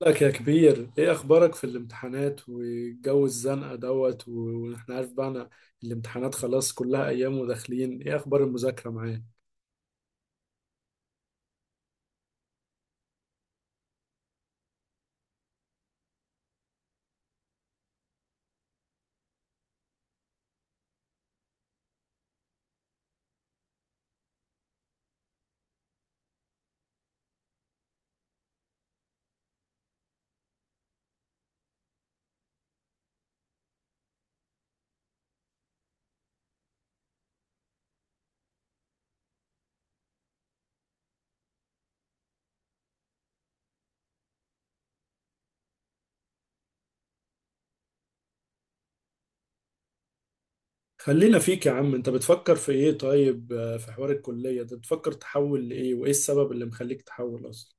لك يا كبير، ايه اخبارك في الامتحانات والجو الزنقه دوت واحنا عارف بقى انا. الامتحانات خلاص كلها ايام وداخلين، ايه اخبار المذاكره معاك؟ خلينا فيك يا عم، انت بتفكر في ايه؟ طيب في حوار الكليه ده بتفكر تحول لايه، وايه السبب اللي مخليك تحول اصلا؟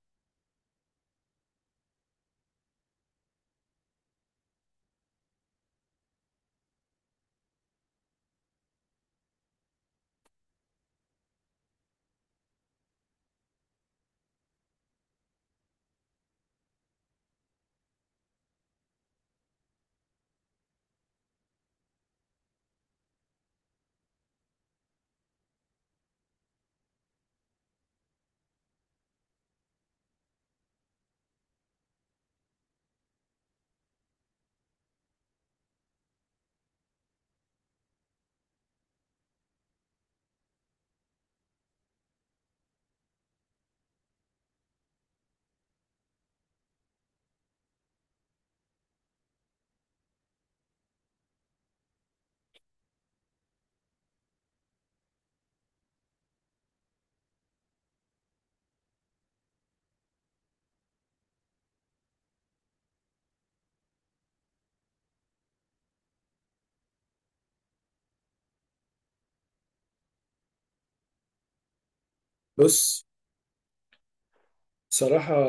بص، بصراحه،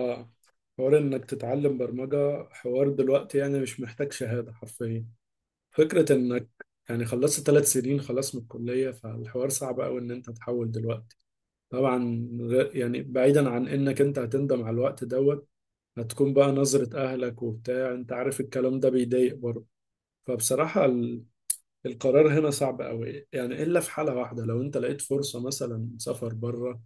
حوار انك تتعلم برمجه حوار دلوقتي يعني مش محتاج شهاده حرفيا. فكره انك يعني خلصت 3 سنين خلاص من الكليه، فالحوار صعب قوي ان انت تحول دلوقتي. طبعا يعني بعيدا عن انك انت هتندم على الوقت دوت، هتكون بقى نظرة اهلك وبتاع، انت عارف الكلام ده بيضايق برضه. فبصراحة القرار هنا صعب قوي يعني، الا في حالة واحدة، لو انت لقيت فرصة مثلا سفر بره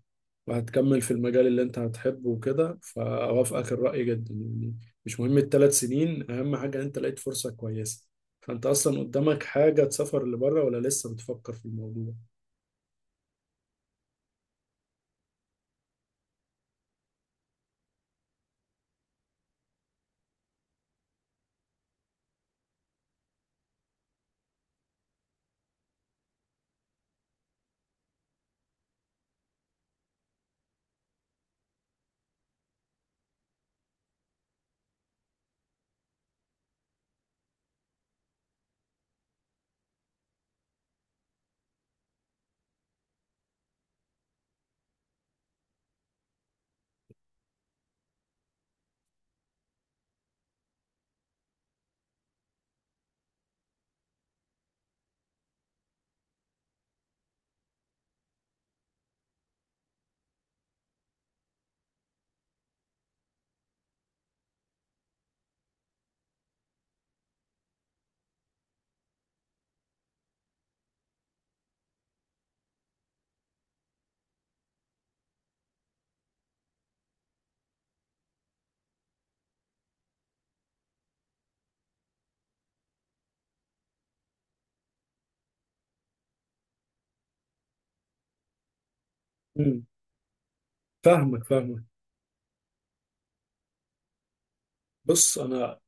وهتكمل في المجال اللي انت هتحبه وكده، فاوافقك الرأي جدا يعني. مش مهم ال3 سنين، اهم حاجة انت لقيت فرصة كويسة. فانت اصلا قدامك حاجة تسافر لبره، ولا لسه بتفكر في الموضوع؟ امم. فاهمك، فاهمك. بص، انا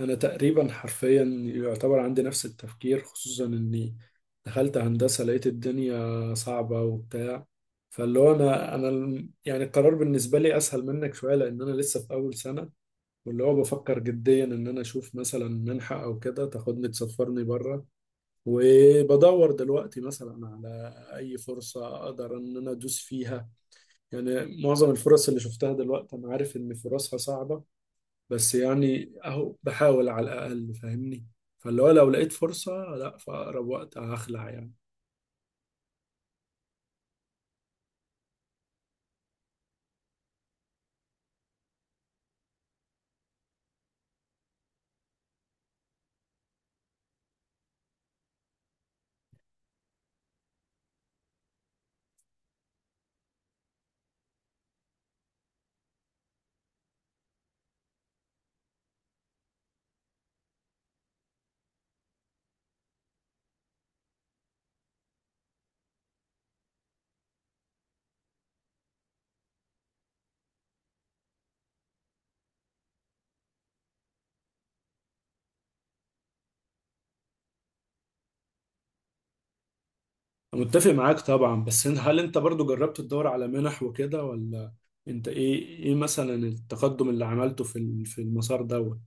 انا تقريبا حرفيا يعتبر عندي نفس التفكير، خصوصا اني دخلت هندسة لقيت الدنيا صعبة وبتاع. فاللي هو يعني القرار بالنسبة لي اسهل منك شوية لان انا لسه في اول سنة. واللي هو بفكر جديا ان انا اشوف مثلا منحة او كده تاخدني تسفرني بره، وبدور دلوقتي مثلا على اي فرصة اقدر ان انا ادوس فيها. يعني معظم الفرص اللي شفتها دلوقتي انا عارف ان فرصها صعبة، بس يعني اهو بحاول على الاقل، فاهمني؟ فاللي هو لو لقيت فرصة، لا في اقرب وقت هخلع يعني. أنا متفق معاك طبعا، بس هل انت برضو جربت تدور على منح وكده، ولا انت ايه، مثلا التقدم اللي عملته في في المسار دوت؟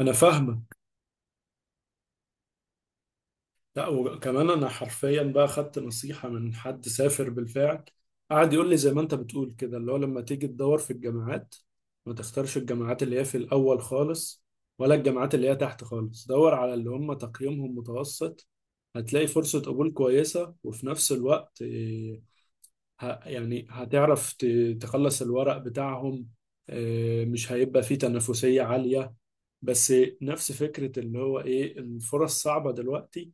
انا فاهمك. لا، وكمان انا حرفيا بقى خدت نصيحة من حد سافر بالفعل، قعد يقول لي زي ما انت بتقول كده، اللي هو لما تيجي تدور في الجامعات ما تختارش الجامعات اللي هي في الاول خالص، ولا الجامعات اللي هي تحت خالص، دور على اللي هم تقييمهم متوسط. هتلاقي فرصة قبول كويسة، وفي نفس الوقت يعني هتعرف تخلص الورق بتاعهم، مش هيبقى فيه تنافسية عالية. بس نفس فكرة اللي هو ايه، الفرص صعبة دلوقتي.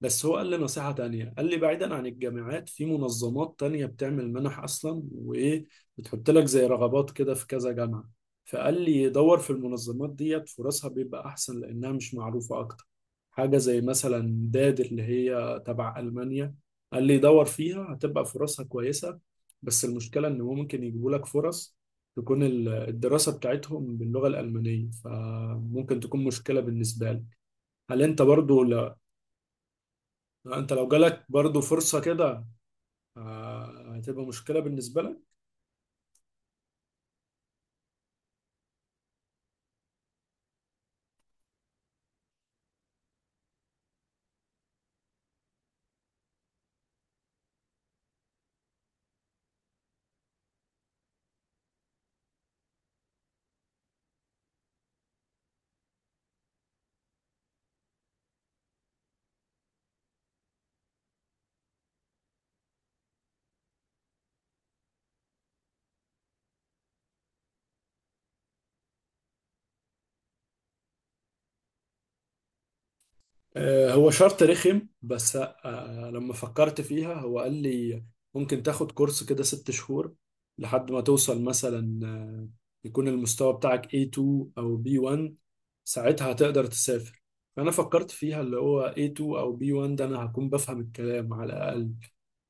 بس هو قال لي نصيحة تانية، قال لي بعيدا عن الجامعات في منظمات تانية بتعمل منح أصلا بتحط لك زي رغبات كده في كذا جامعة. فقال لي دور في المنظمات ديت فرصها بيبقى أحسن لأنها مش معروفة أكتر. حاجة زي مثلا داد، اللي هي تبع ألمانيا، قال لي دور فيها هتبقى فرصها كويسة. بس المشكلة إن هو ممكن يجيبوا لك فرص تكون الدراسة بتاعتهم باللغة الألمانية، فممكن تكون مشكلة بالنسبة لك. هل أنت برضو، لا، انت لو جالك برضو فرصة كده هتبقى مشكلة بالنسبة لك. هو شرط رخم، بس لما فكرت فيها هو قال لي ممكن تاخد كورس كده 6 شهور، لحد ما توصل مثلا يكون المستوى بتاعك A2 أو B1، ساعتها هتقدر تسافر. فأنا فكرت فيها، اللي هو A2 أو B1 ده أنا هكون بفهم الكلام على الأقل،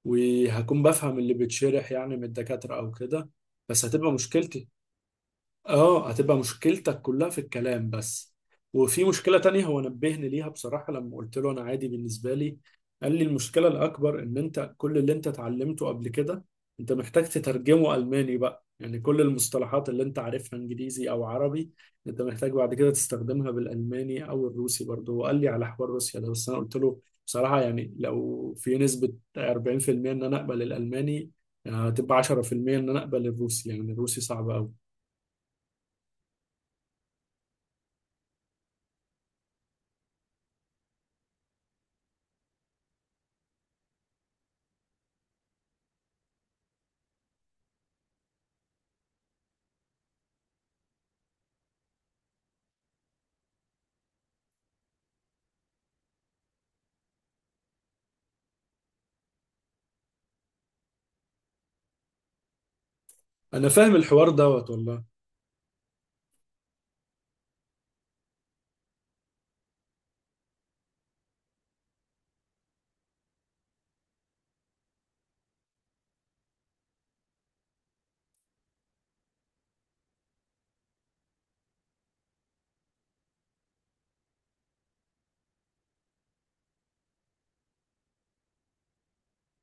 وهكون بفهم اللي بيتشرح يعني من الدكاترة أو كده. بس هتبقى مشكلتي. اه، هتبقى مشكلتك كلها في الكلام بس. وفي مشكلة تانية هو نبهني ليها بصراحة، لما قلت له انا عادي بالنسبة لي، قال لي المشكلة الاكبر ان انت كل اللي انت اتعلمته قبل كده انت محتاج تترجمه الماني بقى، يعني كل المصطلحات اللي انت عارفها انجليزي او عربي انت محتاج بعد كده تستخدمها بالالماني، او الروسي برضه هو قال لي على حوار روسيا ده. بس انا قلت له بصراحة يعني لو في نسبة 40% ان انا اقبل الالماني، هتبقى 10% ان انا اقبل الروسي، يعني الروسي صعب. انا فاهم الحوار دوت والله.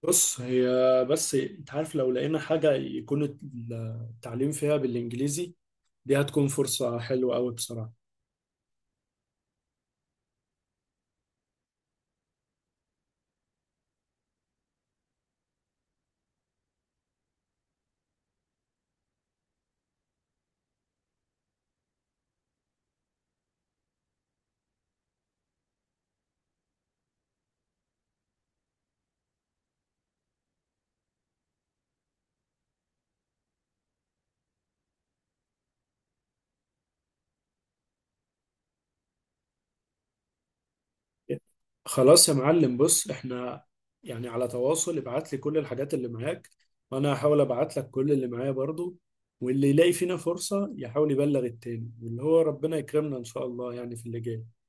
بص، هي بس انت عارف لو لقينا حاجة يكون التعليم فيها بالانجليزي، دي هتكون فرصة حلوة قوي بصراحة. خلاص يا معلم، بص، احنا يعني على تواصل، ابعت لي كل الحاجات اللي معاك، وانا هحاول ابعت لك كل اللي معايا برضو، واللي يلاقي فينا فرصة يحاول يبلغ التاني، واللي هو ربنا يكرمنا ان شاء الله يعني في اللي جاي.